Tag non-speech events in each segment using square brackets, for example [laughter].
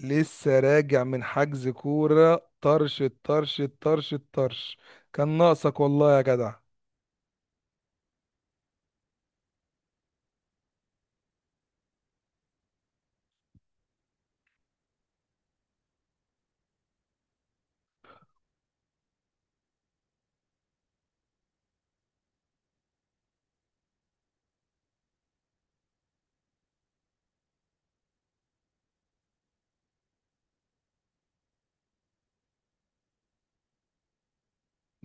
لسه راجع من حجز كورة طرش الطرش. كان ناقصك والله يا جدع.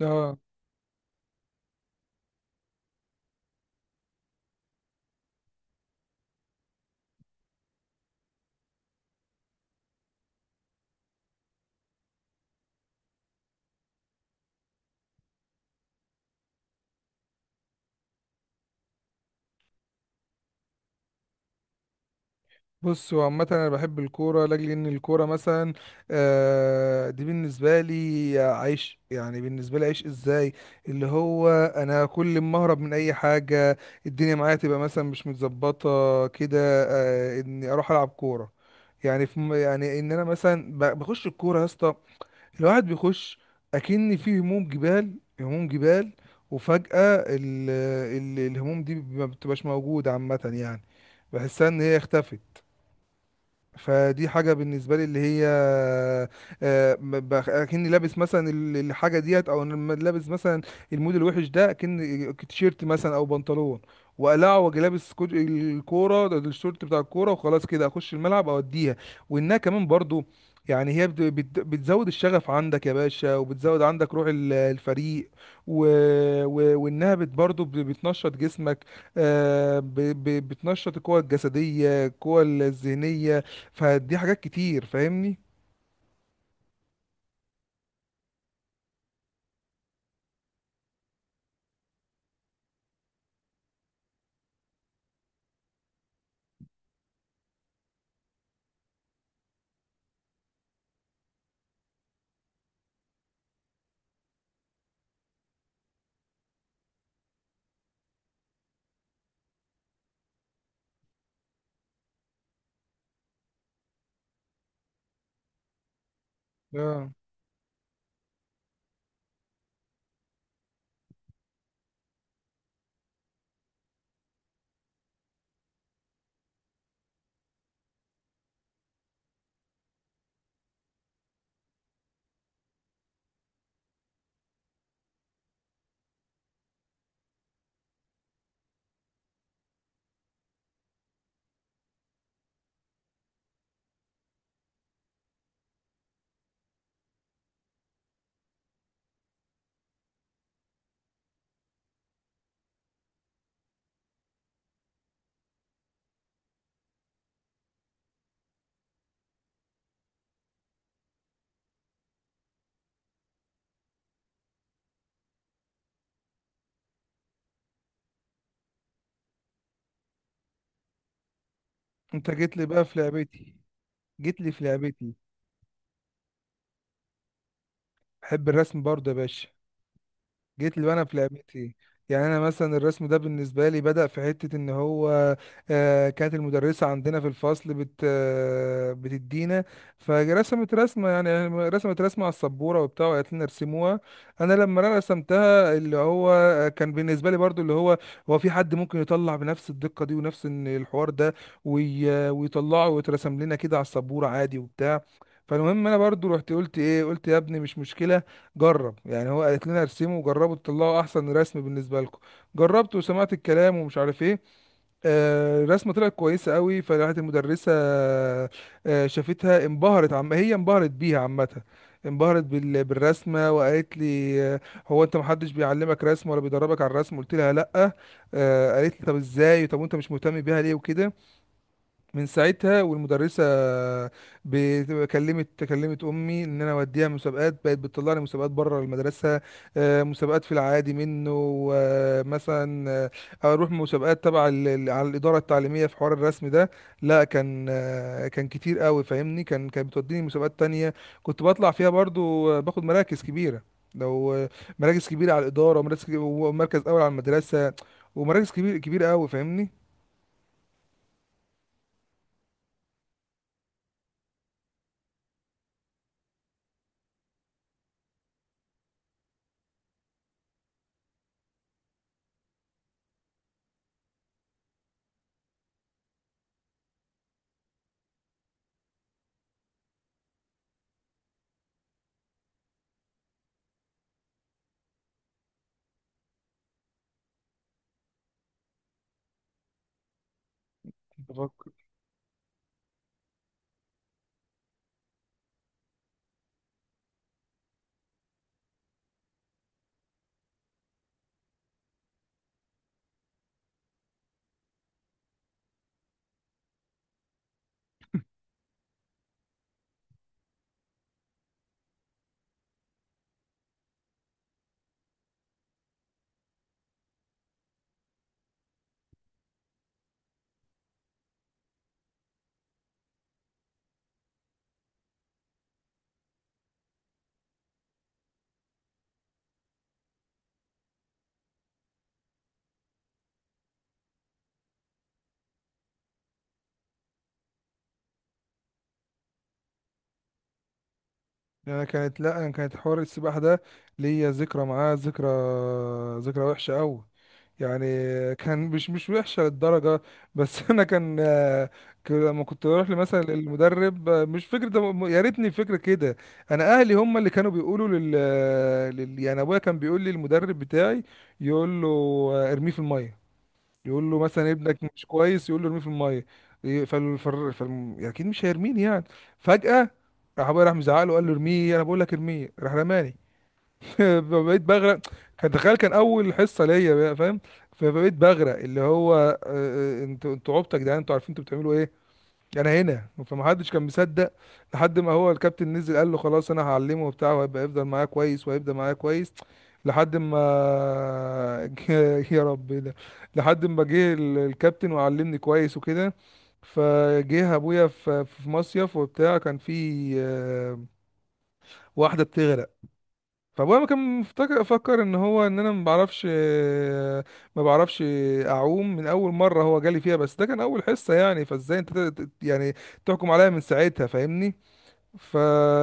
اه، بص، هو عامة أنا بحب الكورة لأجل إن الكورة مثلا دي بالنسبة لي عيش، يعني بالنسبة لي عيش. إزاي؟ اللي هو أنا كل ما أهرب من أي حاجة، الدنيا معايا تبقى مثلا مش متظبطة كده، إني أروح ألعب كورة. يعني يعني إن أنا مثلا بخش الكورة يا اسطى، الواحد بيخش اكن فيه هموم جبال، هموم جبال. وفجأة ال ال الهموم دي ما بتبقاش موجودة عامة، يعني بحسها ان هي اختفت. فدي حاجة بالنسبة لي اللي هي اكني لابس مثلا الحاجة ديت. او أنا لما لابس مثلا المود الوحش ده، اكن تيشيرت مثلا او بنطلون، وقلع واجي لابس ده الشورت بتاع الكورة، وخلاص كده اخش الملعب اوديها. وانها كمان برضو، يعني هي بتزود الشغف عندك يا باشا، وبتزود عندك روح الفريق و... وانها برضو بتنشط جسمك. بتنشط القوة الجسدية، القوة الذهنية. فدي حاجات كتير، فاهمني؟ اه. انت جيت لي بقى في لعبتي، جيت لي في لعبتي. بحب الرسم برضه يا باشا، جيت لي انا في لعبتي. يعني انا مثلا الرسم ده بالنسبه لي بدأ في حته ان هو كانت المدرسه عندنا في الفصل بت آه، بتدينا، فرسمت رسمه. يعني رسمت رسمه على السبوره وبتاع، وقالت لنا ارسموها. انا لما انا رسمتها اللي هو كان بالنسبه لي برضو اللي هو هو في حد ممكن يطلع بنفس الدقه دي ونفس إن الحوار ده ويطلعه ويترسم لنا كده على السبوره عادي وبتاع. فالمهم انا برضو رحت قلت ايه، قلت يا ابني مش مشكله، جرب، يعني هو قالت لنا ارسموا وجربوا تطلعوا احسن رسم بالنسبه لكم. جربت وسمعت الكلام ومش عارف ايه. الرسمه طلعت كويسه قوي، فراحت المدرسه شافتها، انبهرت، عم هي انبهرت بيها عامه. انبهرت بالرسمه، وقالت لي هو انت محدش بيعلمك رسم ولا بيدربك على الرسم؟ قلت لها لا. قالت لي طب ازاي؟ طب وانت مش مهتم بيها ليه، وكده. من ساعتها والمدرسه كلمت امي ان انا اوديها مسابقات، بقت بتطلعني مسابقات بره المدرسه، مسابقات في العادي منه، ومثلا اروح مسابقات تبع على الاداره التعليميه في حوار الرسم ده. لا كان كان كتير قوي، فاهمني؟ كانت بتوديني مسابقات تانية، كنت بطلع فيها برضو، باخد مراكز كبيره. لو مراكز كبيره على الاداره، ومركز اول على المدرسه، ومراكز كبيره قوي، فاهمني؟ يعني انا كانت لا انا كانت حوار السباحه ده ليا ذكرى معاه، ذكرى وحشه قوي. يعني كان مش وحشه للدرجه، بس [laughs] انا كان لما كنت اروح مثلا للمدرب، مش فكره يا ريتني فكره كده. انا اهلي هم اللي كانوا بيقولوا يعني ابويا كان بيقول لي المدرب بتاعي، يقول له ارميه في الميه. يقول له مثلا ابنك مش كويس، يقول له ارميه في الميه. إيه، يعني اكيد مش هيرميني يعني. فجأة راح ابويا، راح مزعق له، قال له ارميه، انا بقول لك ارميه. راح رماني. [laughs] فبقيت بغرق، كان تخيل، كان اول حصة ليا بقى، فاهم؟ فبقيت بغرق، اللي هو انتوا عبطة يا جدعان، انتوا عارفين انتوا بتعملوا ايه؟ انا هنا، فمحدش كان مصدق. لحد ما هو الكابتن نزل، قال له خلاص انا هعلمه وبتاع، وهيبقى يفضل معايا كويس وهيبقى معايا كويس. لحد ما [laughs] يا رب إيه ده. لحد ما جه الكابتن وعلمني كويس وكده. فجه ابويا في في مصيف وبتاع، كان في واحده بتغرق. فابويا كان مفتكر، فكر ان هو ان انا ما بعرفش، ما بعرفش اعوم من اول مره هو جالي فيها، بس ده كان اول حصه يعني، فازاي انت يعني تحكم عليا من ساعتها، فاهمني؟ ف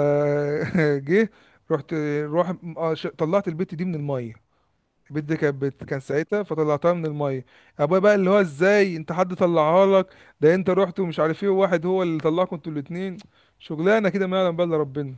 [laughs] جه، رحت روح، طلعت البت دي من الميه. البت دي كان ساعتها، فطلعتها من الميه. ابويا بقى اللي هو ازاي انت؟ حد طلعها لك؟ ده انت رحت ومش عارف ايه، وواحد هو اللي طلعكم انتوا الاتنين؟ شغلانه كده ما يعلم بقى الا ربنا.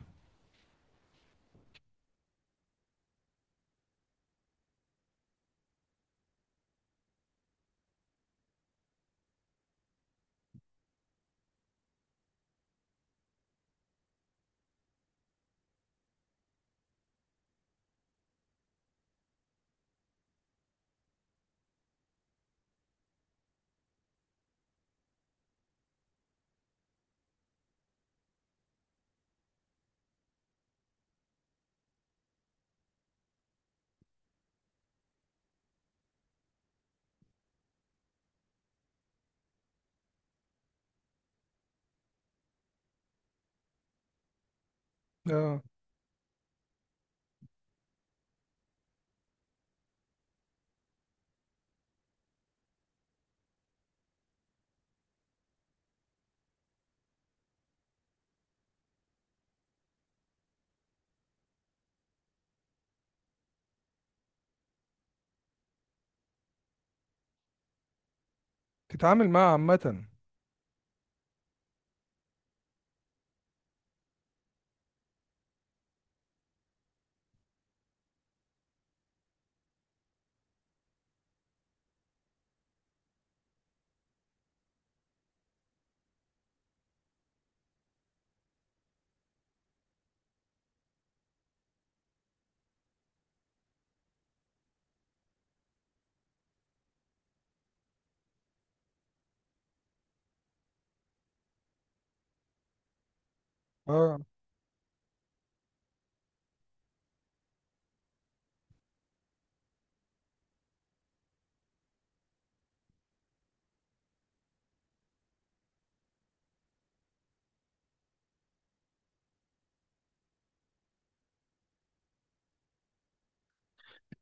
اه، تتعامل معاها عامه. اه،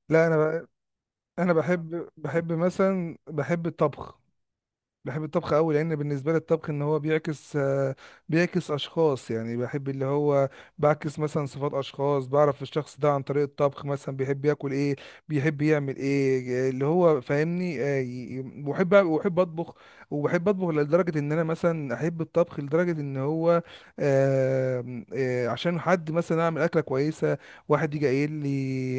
لا، انا بحب، بحب مثلا بحب الطبخ. بحب الطبخ قوي، لان بالنسبه لي الطبخ ان هو بيعكس بيعكس اشخاص، يعني بحب اللي هو بعكس مثلا صفات اشخاص. بعرف الشخص ده عن طريق الطبخ، مثلا بيحب ياكل ايه، بيحب يعمل ايه، اللي هو فاهمني. وبحب اطبخ. وبحب اطبخ لدرجه ان انا مثلا احب الطبخ لدرجه ان هو عشان حد مثلا اعمل اكله كويسه، واحد يجي قايل لي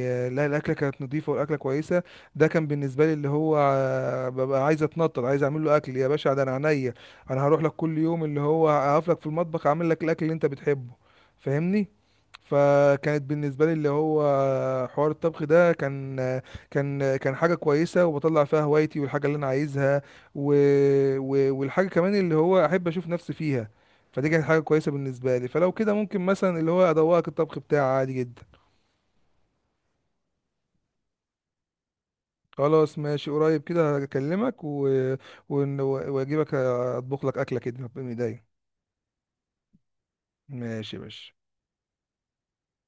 لا الاكله كانت نظيفه والاكله كويسه. ده كان بالنسبه لي اللي هو ببقى عايز اتنطط، عايز اعمل له اكل يا باشا، ده انا عينيا. انا هروح لك كل يوم، اللي هو هقف لك في المطبخ اعمل لك الاكل اللي انت بتحبه، فاهمني؟ فكانت بالنسبه لي اللي هو حوار الطبخ ده كان كان حاجه كويسه، وبطلع فيها هوايتي والحاجه اللي انا عايزها و... والحاجه كمان اللي هو احب اشوف نفسي فيها. فدي كانت حاجه كويسه بالنسبه لي، فلو كده ممكن مثلا اللي هو ادوقك الطبخ بتاعي عادي جدا. خلاص ماشي، قريب كده هكلمك واجيبك اطبخ لك اكله كده من ايديا. ماشي يا باشا.